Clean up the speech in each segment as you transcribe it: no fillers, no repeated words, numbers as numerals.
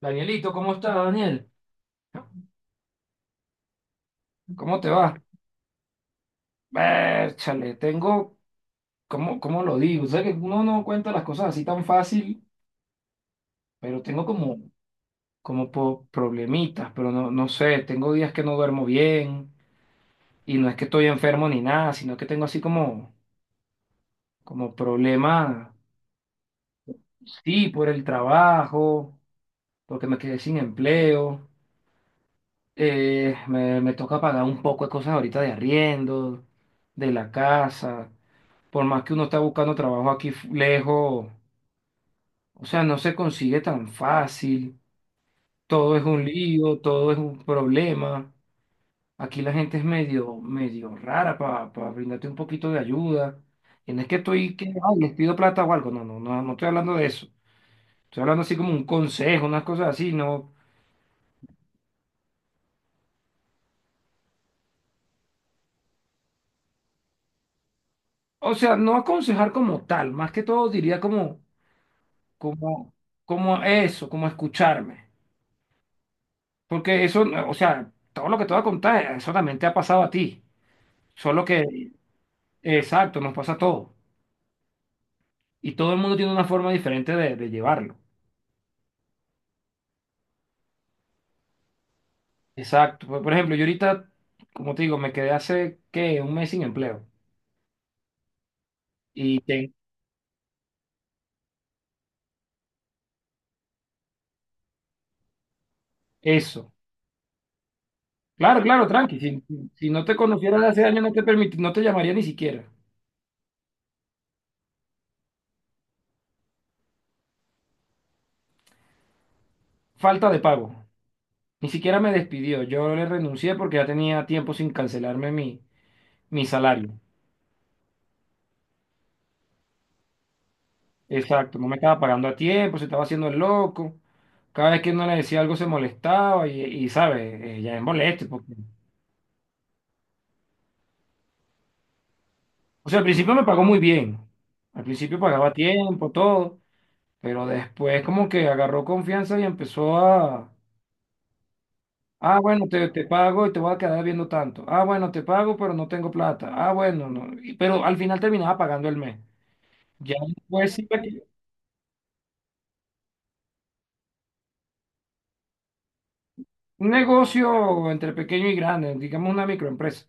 Danielito, ¿cómo estás, Daniel? ¿Cómo te va? Chale, tengo, ¿cómo, cómo lo digo? Sé que uno no cuenta las cosas así tan fácil, pero tengo como, como problemitas, pero no, no sé, tengo días que no duermo bien y no es que estoy enfermo ni nada, sino que tengo así como, como problemas, sí, por el trabajo, porque me quedé sin empleo, me toca pagar un poco de cosas ahorita de arriendo, de la casa. Por más que uno está buscando trabajo aquí lejos, o sea, no se consigue tan fácil, todo es un lío, todo es un problema. Aquí la gente es medio, medio rara para brindarte un poquito de ayuda. Y no es que estoy que, ay, les pido plata o algo, no, no, no, no estoy hablando de eso. Estoy hablando así como un consejo, unas cosas así, no. O sea, no aconsejar como tal, más que todo diría como, como, como eso, como escucharme. Porque eso, o sea, todo lo que te voy a contar, eso también te ha pasado a ti. Solo que, exacto, nos pasa a todos. Y todo el mundo tiene una forma diferente de llevarlo. Exacto. Por ejemplo, yo ahorita, como te digo, me quedé hace, ¿qué? Un mes sin empleo. Y eso. Claro, claro, tranqui. Si, si no te conociera de hace años, no te llamaría ni siquiera. Falta de pago. Ni siquiera me despidió. Yo le renuncié porque ya tenía tiempo sin cancelarme mi, mi salario. Exacto, no me estaba pagando a tiempo, se estaba haciendo el loco. Cada vez que uno le decía algo se molestaba y ¿sabes? Ya es molesto. Porque... O sea, al principio me pagó muy bien. Al principio pagaba a tiempo, todo. Pero después como que agarró confianza y empezó a... Ah, bueno, te pago y te voy a quedar viendo tanto. Ah, bueno, te pago, pero no tengo plata. Ah, bueno, no. Pero al final terminaba pagando el mes. Ya después sí, un negocio entre pequeño y grande, digamos una microempresa.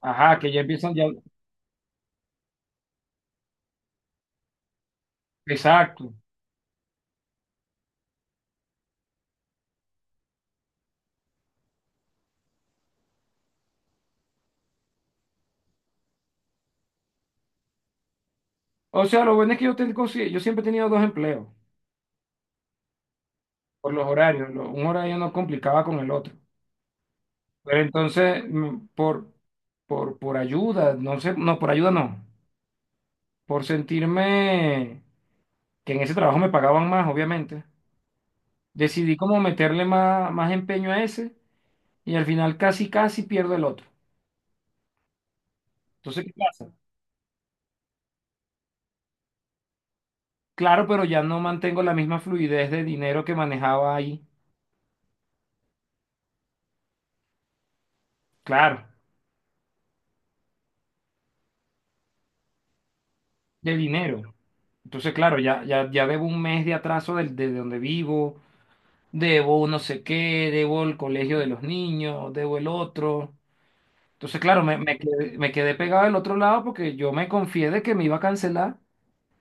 Ajá, que ya empiezan ya. Exacto. O sea, lo bueno es que yo, tengo, yo siempre he tenido dos empleos por los horarios. Un horario no complicaba con el otro. Pero entonces, por, por ayuda, no sé, no, por ayuda no. Por sentirme que en ese trabajo me pagaban más, obviamente. Decidí como meterle más, más empeño a ese y al final casi, casi pierdo el otro. Entonces, ¿qué pasa? Claro, pero ya no mantengo la misma fluidez de dinero que manejaba ahí. Claro. De dinero. Entonces, claro, ya, ya, ya debo un mes de atraso de, donde vivo, debo no sé qué, debo el colegio de los niños, debo el otro. Entonces, claro, me quedé pegado del otro lado porque yo me confié de que me iba a cancelar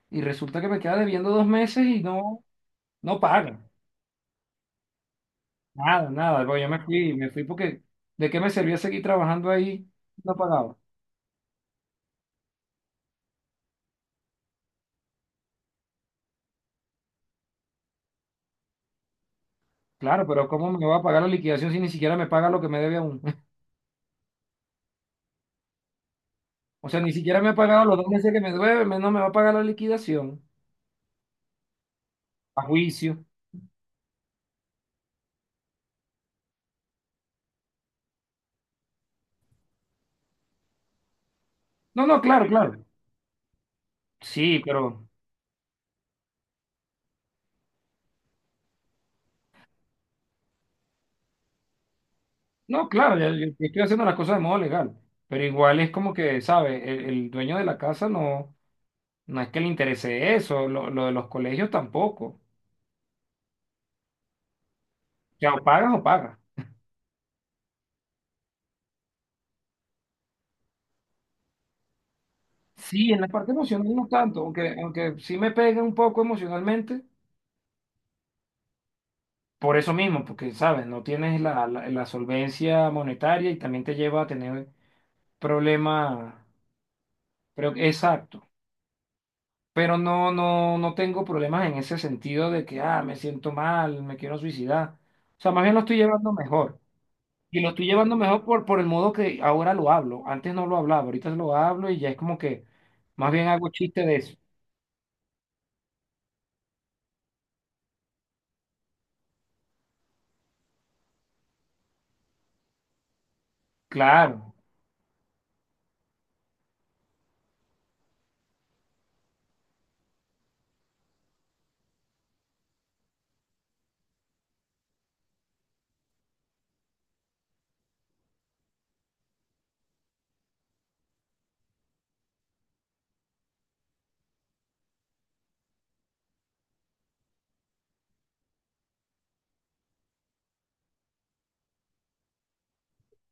y resulta que me queda debiendo dos meses y no, no pagan. Nada, nada. Bueno, yo me fui porque ¿de qué me servía seguir trabajando ahí? No pagaba. Claro, pero ¿cómo me va a pagar la liquidación si ni siquiera me paga lo que me debe aún? O sea, ni siquiera me ha pagado los dos meses que me debe, no me va a pagar la liquidación, a juicio. No, no, claro, claro. Sí, pero... No, claro, yo estoy haciendo las cosas de modo legal, pero igual es como que, ¿sabes? El dueño de la casa no, no es que le interese eso, lo de los colegios tampoco. O sea, o pagas o pagas. Sí, en la parte emocional no tanto, aunque, aunque sí me pega un poco emocionalmente, por eso mismo, porque, ¿sabes? No tienes la, la solvencia monetaria y también te lleva a tener problemas. Creo que, exacto. Pero no, no, no tengo problemas en ese sentido de que, ah, me siento mal, me quiero suicidar. O sea, más bien lo estoy llevando mejor. Y lo estoy llevando mejor por el modo que ahora lo hablo. Antes no lo hablaba, ahorita lo hablo y ya es como que más bien hago chiste de eso. Claro.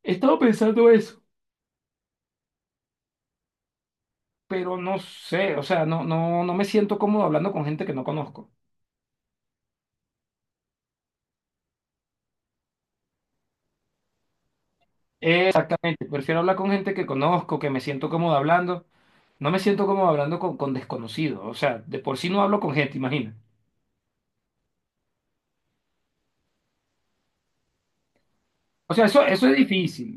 He estado pensando eso, pero no sé, o sea, no, no, no me siento cómodo hablando con gente que no conozco. Exactamente, prefiero hablar con gente que conozco, que me siento cómodo hablando. No me siento como hablando con desconocidos. O sea, de por sí no hablo con gente, imagina. O sea, eso es difícil.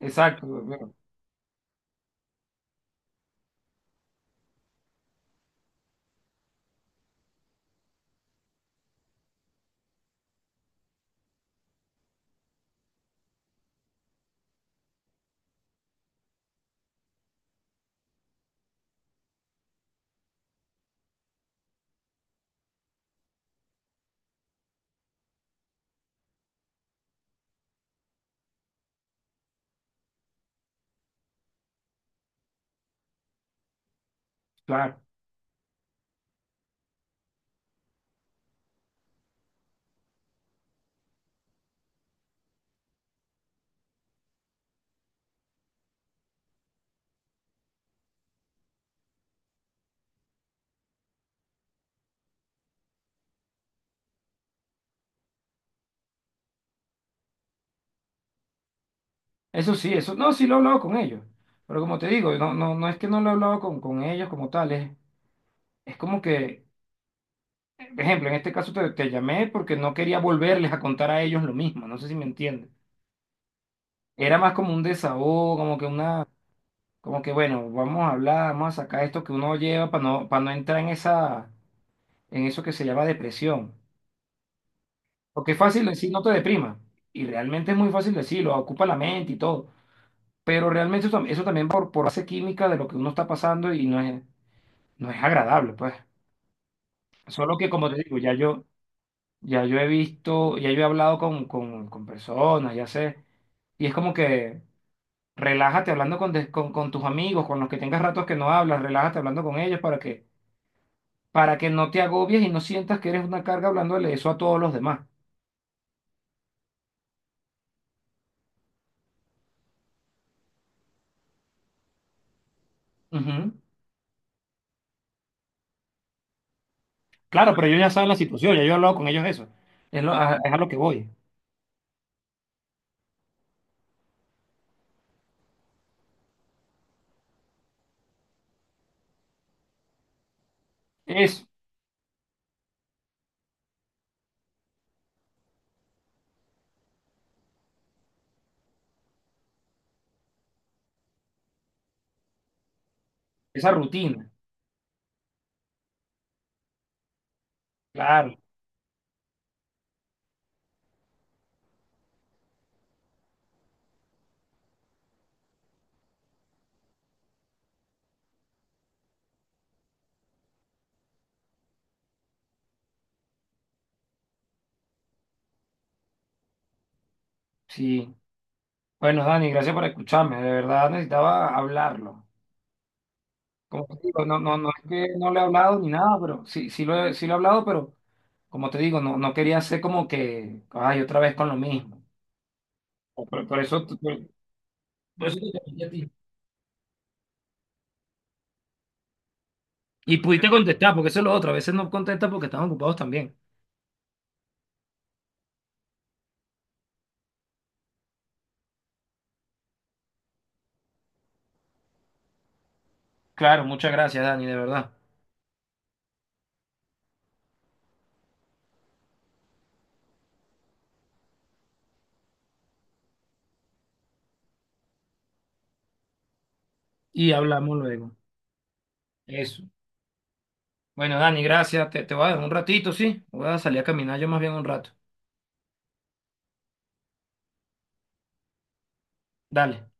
Exacto, bueno, claro. Eso sí, eso. No, sí lo he hablado con ellos. Pero como te digo, no, no, no es que no lo he hablado con ellos como tales. Es como que, por ejemplo, en este caso te llamé porque no quería volverles a contar a ellos lo mismo. No sé si me entiendes. Era más como un desahogo, como que una, como que bueno, vamos a hablar, vamos a sacar esto que uno lleva para no entrar en esa, en eso que se llama depresión. Porque es fácil decir, no te deprima. Y realmente es muy fácil decirlo, ocupa la mente y todo. Pero realmente eso, eso también por base química de lo que uno está pasando y no es, no es agradable, pues. Solo que, como te digo, ya yo, ya yo he visto, ya yo he hablado con personas, ya sé. Y es como que relájate hablando con, con tus amigos, con los que tengas ratos que no hablas, relájate hablando con ellos para que no te agobies y no sientas que eres una carga hablándole eso a todos los demás. Ujú. Claro, pero ellos ya saben la situación, ya yo he hablado con ellos de eso. Es, es a lo que voy. Eso, esa rutina. Claro, sí. Bueno, Dani, gracias por escucharme. De verdad necesitaba hablarlo. Como te digo, no, no, no es que no le he hablado ni nada, pero sí, sí lo he hablado, pero como te digo, no, no quería ser como que, ay, otra vez con lo mismo. Por, por eso, por, por eso te llamé a ti. Y pudiste contestar, porque eso es lo otro. A veces no contestas porque están ocupados también. Claro, muchas gracias, Dani, de verdad. Y hablamos luego. Eso. Bueno, Dani, gracias. Te voy a dar un ratito, ¿sí? Voy a salir a caminar yo más bien un rato. Dale.